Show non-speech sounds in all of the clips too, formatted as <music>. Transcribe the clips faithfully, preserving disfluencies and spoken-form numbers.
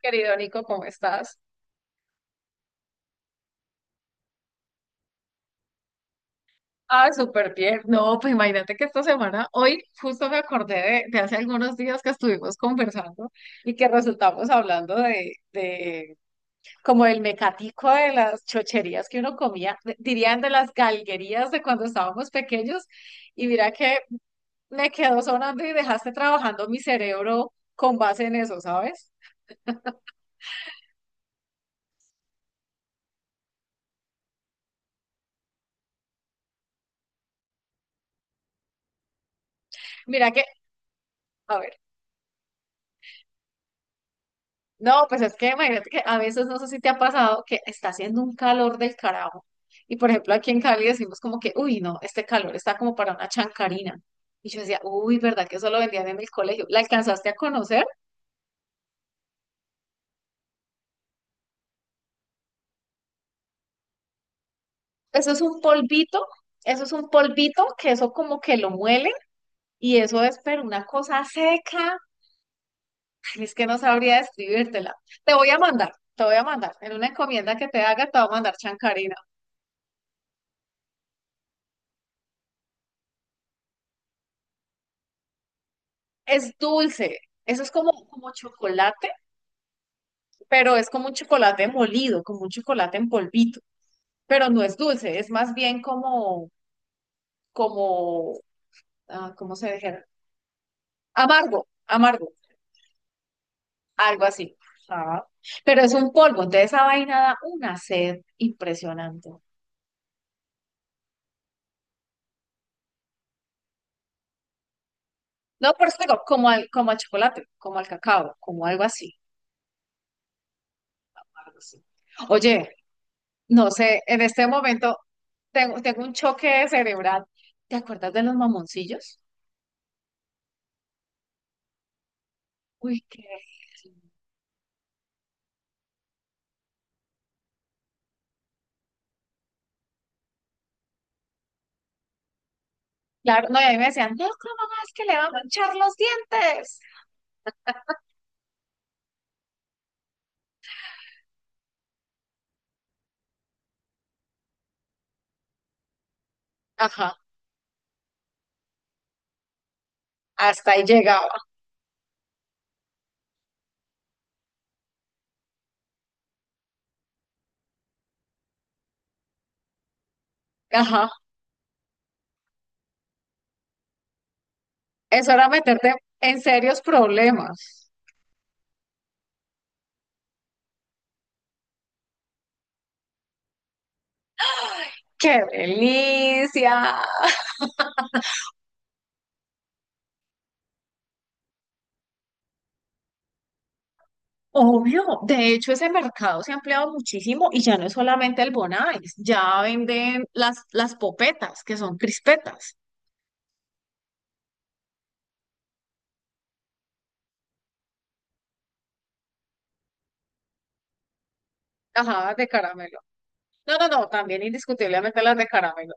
Querido Nico, ¿cómo estás? Ah, súper bien. No, pues imagínate que esta semana, hoy justo me acordé de, de hace algunos días que estuvimos conversando y que resultamos hablando de, de como el mecatico de las chocherías que uno comía, de- dirían de las galguerías de cuando estábamos pequeños. Y mira que me quedó sonando y dejaste trabajando mi cerebro con base en eso, ¿sabes? Mira que, a ver. No, pues es que imagínate que a veces no sé si te ha pasado que está haciendo un calor del carajo. Y por ejemplo, aquí en Cali decimos como que, uy, no, este calor está como para una chancarina. Y yo decía, uy, ¿verdad que eso lo vendían en el colegio? ¿La alcanzaste a conocer? Eso es un polvito, eso es un polvito que eso como que lo muelen y eso es, pero una cosa seca. Ay, es que no sabría describírtela. Te voy a mandar, te voy a mandar. En una encomienda que te haga, te voy a mandar chancarina. Es dulce, eso es como, como chocolate, pero es como un chocolate molido, como un chocolate en polvito, pero no es dulce, es más bien como, como, ah, ¿cómo se dijera? Amargo, amargo, algo así. Ah, pero es un polvo, entonces esa vaina da una sed impresionante. No, pero es que digo, como al, como al, chocolate, como al cacao, como algo así. Algo así. Oye, no sé, en este momento tengo, tengo un choque cerebral. ¿Te acuerdas de los mamoncillos? Uy, qué. Claro, no, y a mí me decían, no, ¿cómo es que le va a echar los dientes? Ajá, hasta ahí llegaba. Ajá, eso era meterte en serios problemas. ¡Qué delicia! Obvio, de hecho ese mercado se ha ampliado muchísimo y ya no es solamente el Bonais, ya venden las, las popetas, que son crispetas. Ajá, de caramelo. No, no, no, también indiscutiblemente las de caramelo.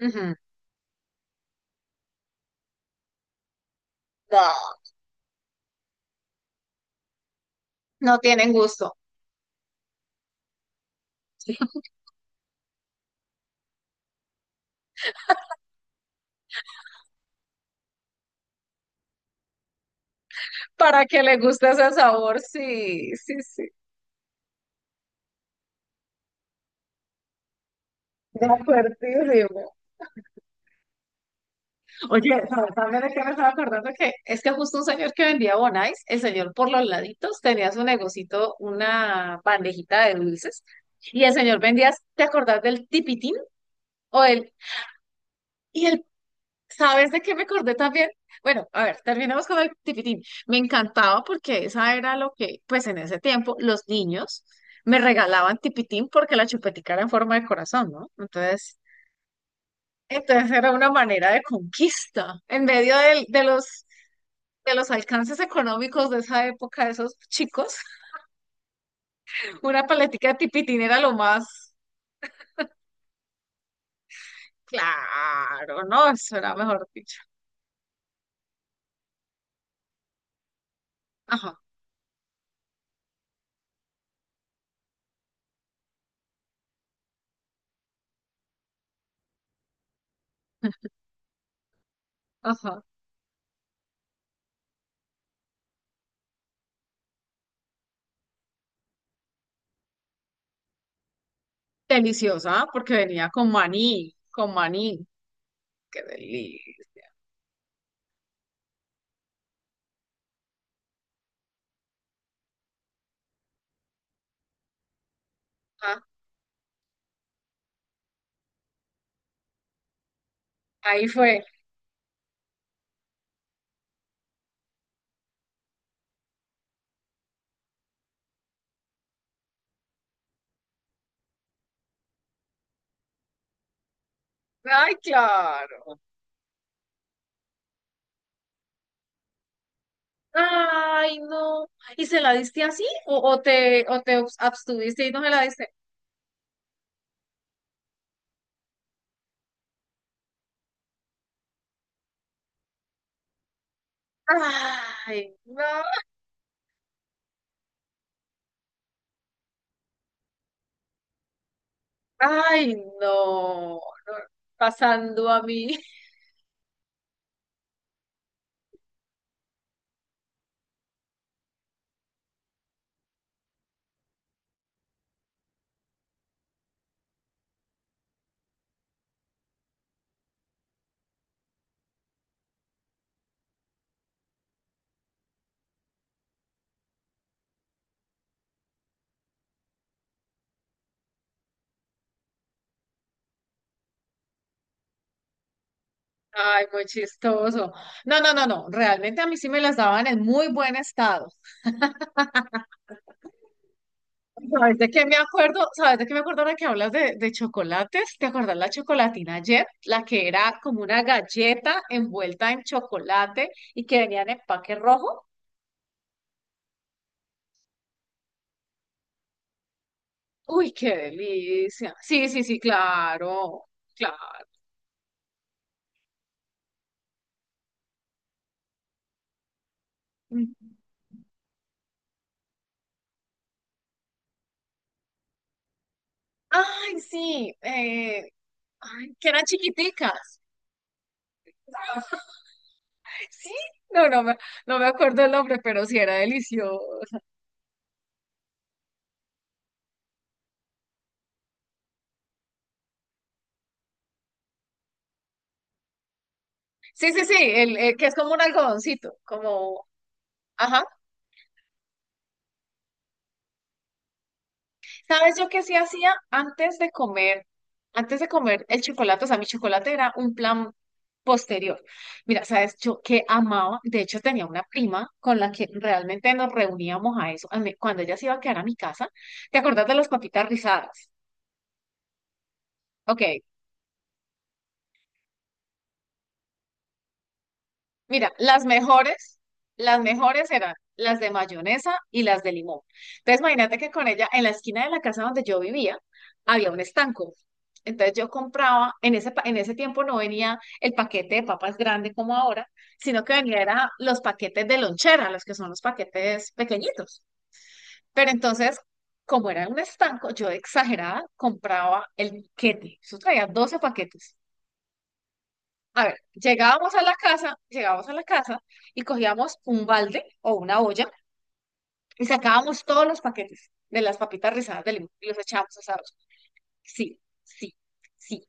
Ujú. No, no tienen gusto. <laughs> Para que le guste ese sabor, sí, sí, sí. De acuerdísimo. Oye, ¿sabes también de qué me estaba acordando? Que es que justo un señor que vendía bonais, el señor por los laditos tenía su negocito, una bandejita de dulces, y el señor vendía, ¿te acordás del tipitín? O el, y el, ¿sabes de qué me acordé también? Bueno, a ver, terminemos con el tipitín. Me encantaba porque esa era lo que, pues en ese tiempo, los niños me regalaban tipitín porque la chupetica era en forma de corazón, ¿no? Entonces, Entonces era una manera de conquista. En medio del- de, los, de los alcances económicos de esa época, de esos chicos, <laughs> una paletica de tipitín era lo más claro, ¿no? Eso era mejor dicho. Ajá, ajá. Deliciosa, porque venía con maní, con maní. Qué delicia. Ah, ahí fue. Ay, claro. Ay, no. ¿Y se la diste así? ¿O, o te, o te abstuviste y no me la diste? Ay, no. Ay, no, no, pasando a mí. <laughs> Ay, muy chistoso. No, no, no, no. Realmente a mí sí me las daban en muy buen estado. ¿Sabes de qué me acuerdo? ¿Sabes de qué me acuerdo ahora que hablas de, de chocolates? ¿Te acuerdas la chocolatina ayer? La que era como una galleta envuelta en chocolate y que venía en empaque rojo. Uy, qué delicia. Sí, sí, sí, claro, claro. Ay, sí. eh, ay, que eran chiquiticas. Sí, no, no me, no me acuerdo el nombre, pero sí era delicioso. Sí, sí, sí, el, eh, que es como un algodoncito, como, ajá. ¿Sabes yo qué sí hacía antes de comer? Antes de comer el chocolate, o sea, mi chocolate era un plan posterior. Mira, ¿sabes yo qué amaba? De hecho, tenía una prima con la que realmente nos reuníamos a eso. a mí- Cuando ella se iba a quedar a mi casa, ¿te acordás de las papitas rizadas? Ok, mira, las mejores, las mejores eran las de mayonesa y las de limón. Entonces, imagínate que con ella, en la esquina de la casa donde yo vivía, había un estanco. Entonces yo compraba, en ese, pa- en ese tiempo no venía el paquete de papas grande como ahora, sino que venía era los paquetes de lonchera, los que son los paquetes pequeñitos. Pero entonces, como era un estanco, yo de exagerada compraba el paquete. Eso traía doce paquetes. A ver, llegábamos a la casa, llegábamos a la casa y cogíamos un balde o una olla y sacábamos todos los paquetes de las papitas rizadas de limón y los echábamos asados. Sí, sí, sí.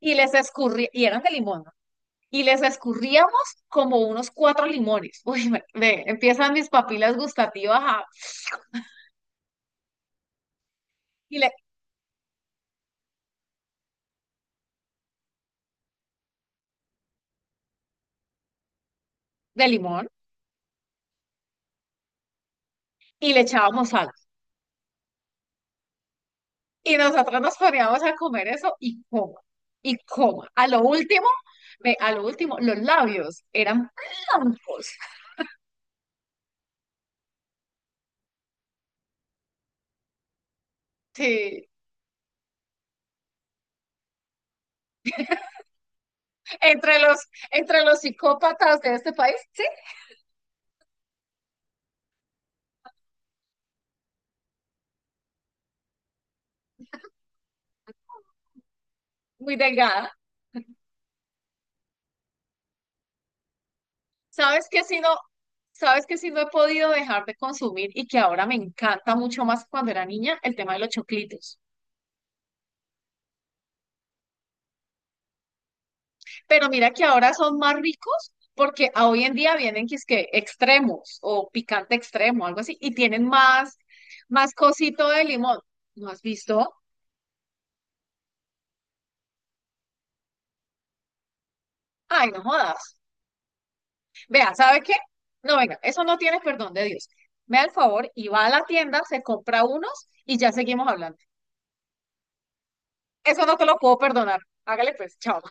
Y les escurría, y eran de limón, ¿no? Y les escurríamos como unos cuatro limones. <laughs> Uy, me- ve, empiezan mis papilas gustativas a- y le, de limón y le echábamos sal. Y nosotros nos poníamos a comer eso y coma, y coma. A lo último, ve, a lo último, los labios eran blancos. Sí, entre los, entre los psicópatas de este país, sí, muy delgada. ¿Sabes qué si no, sabes que si no he podido dejar de consumir y que ahora me encanta mucho más que cuando era niña? El tema de los choclitos. Pero mira que ahora son más ricos porque a hoy en día vienen que es que extremos o picante extremo, algo así, y tienen más, más cosito de limón. ¿No has visto? Ay, no jodas. Vea, ¿sabe qué? No, venga, eso no tiene perdón de Dios. Me da el favor y va a la tienda, se compra unos y ya seguimos hablando. Eso no te lo puedo perdonar. Hágale pues, chao.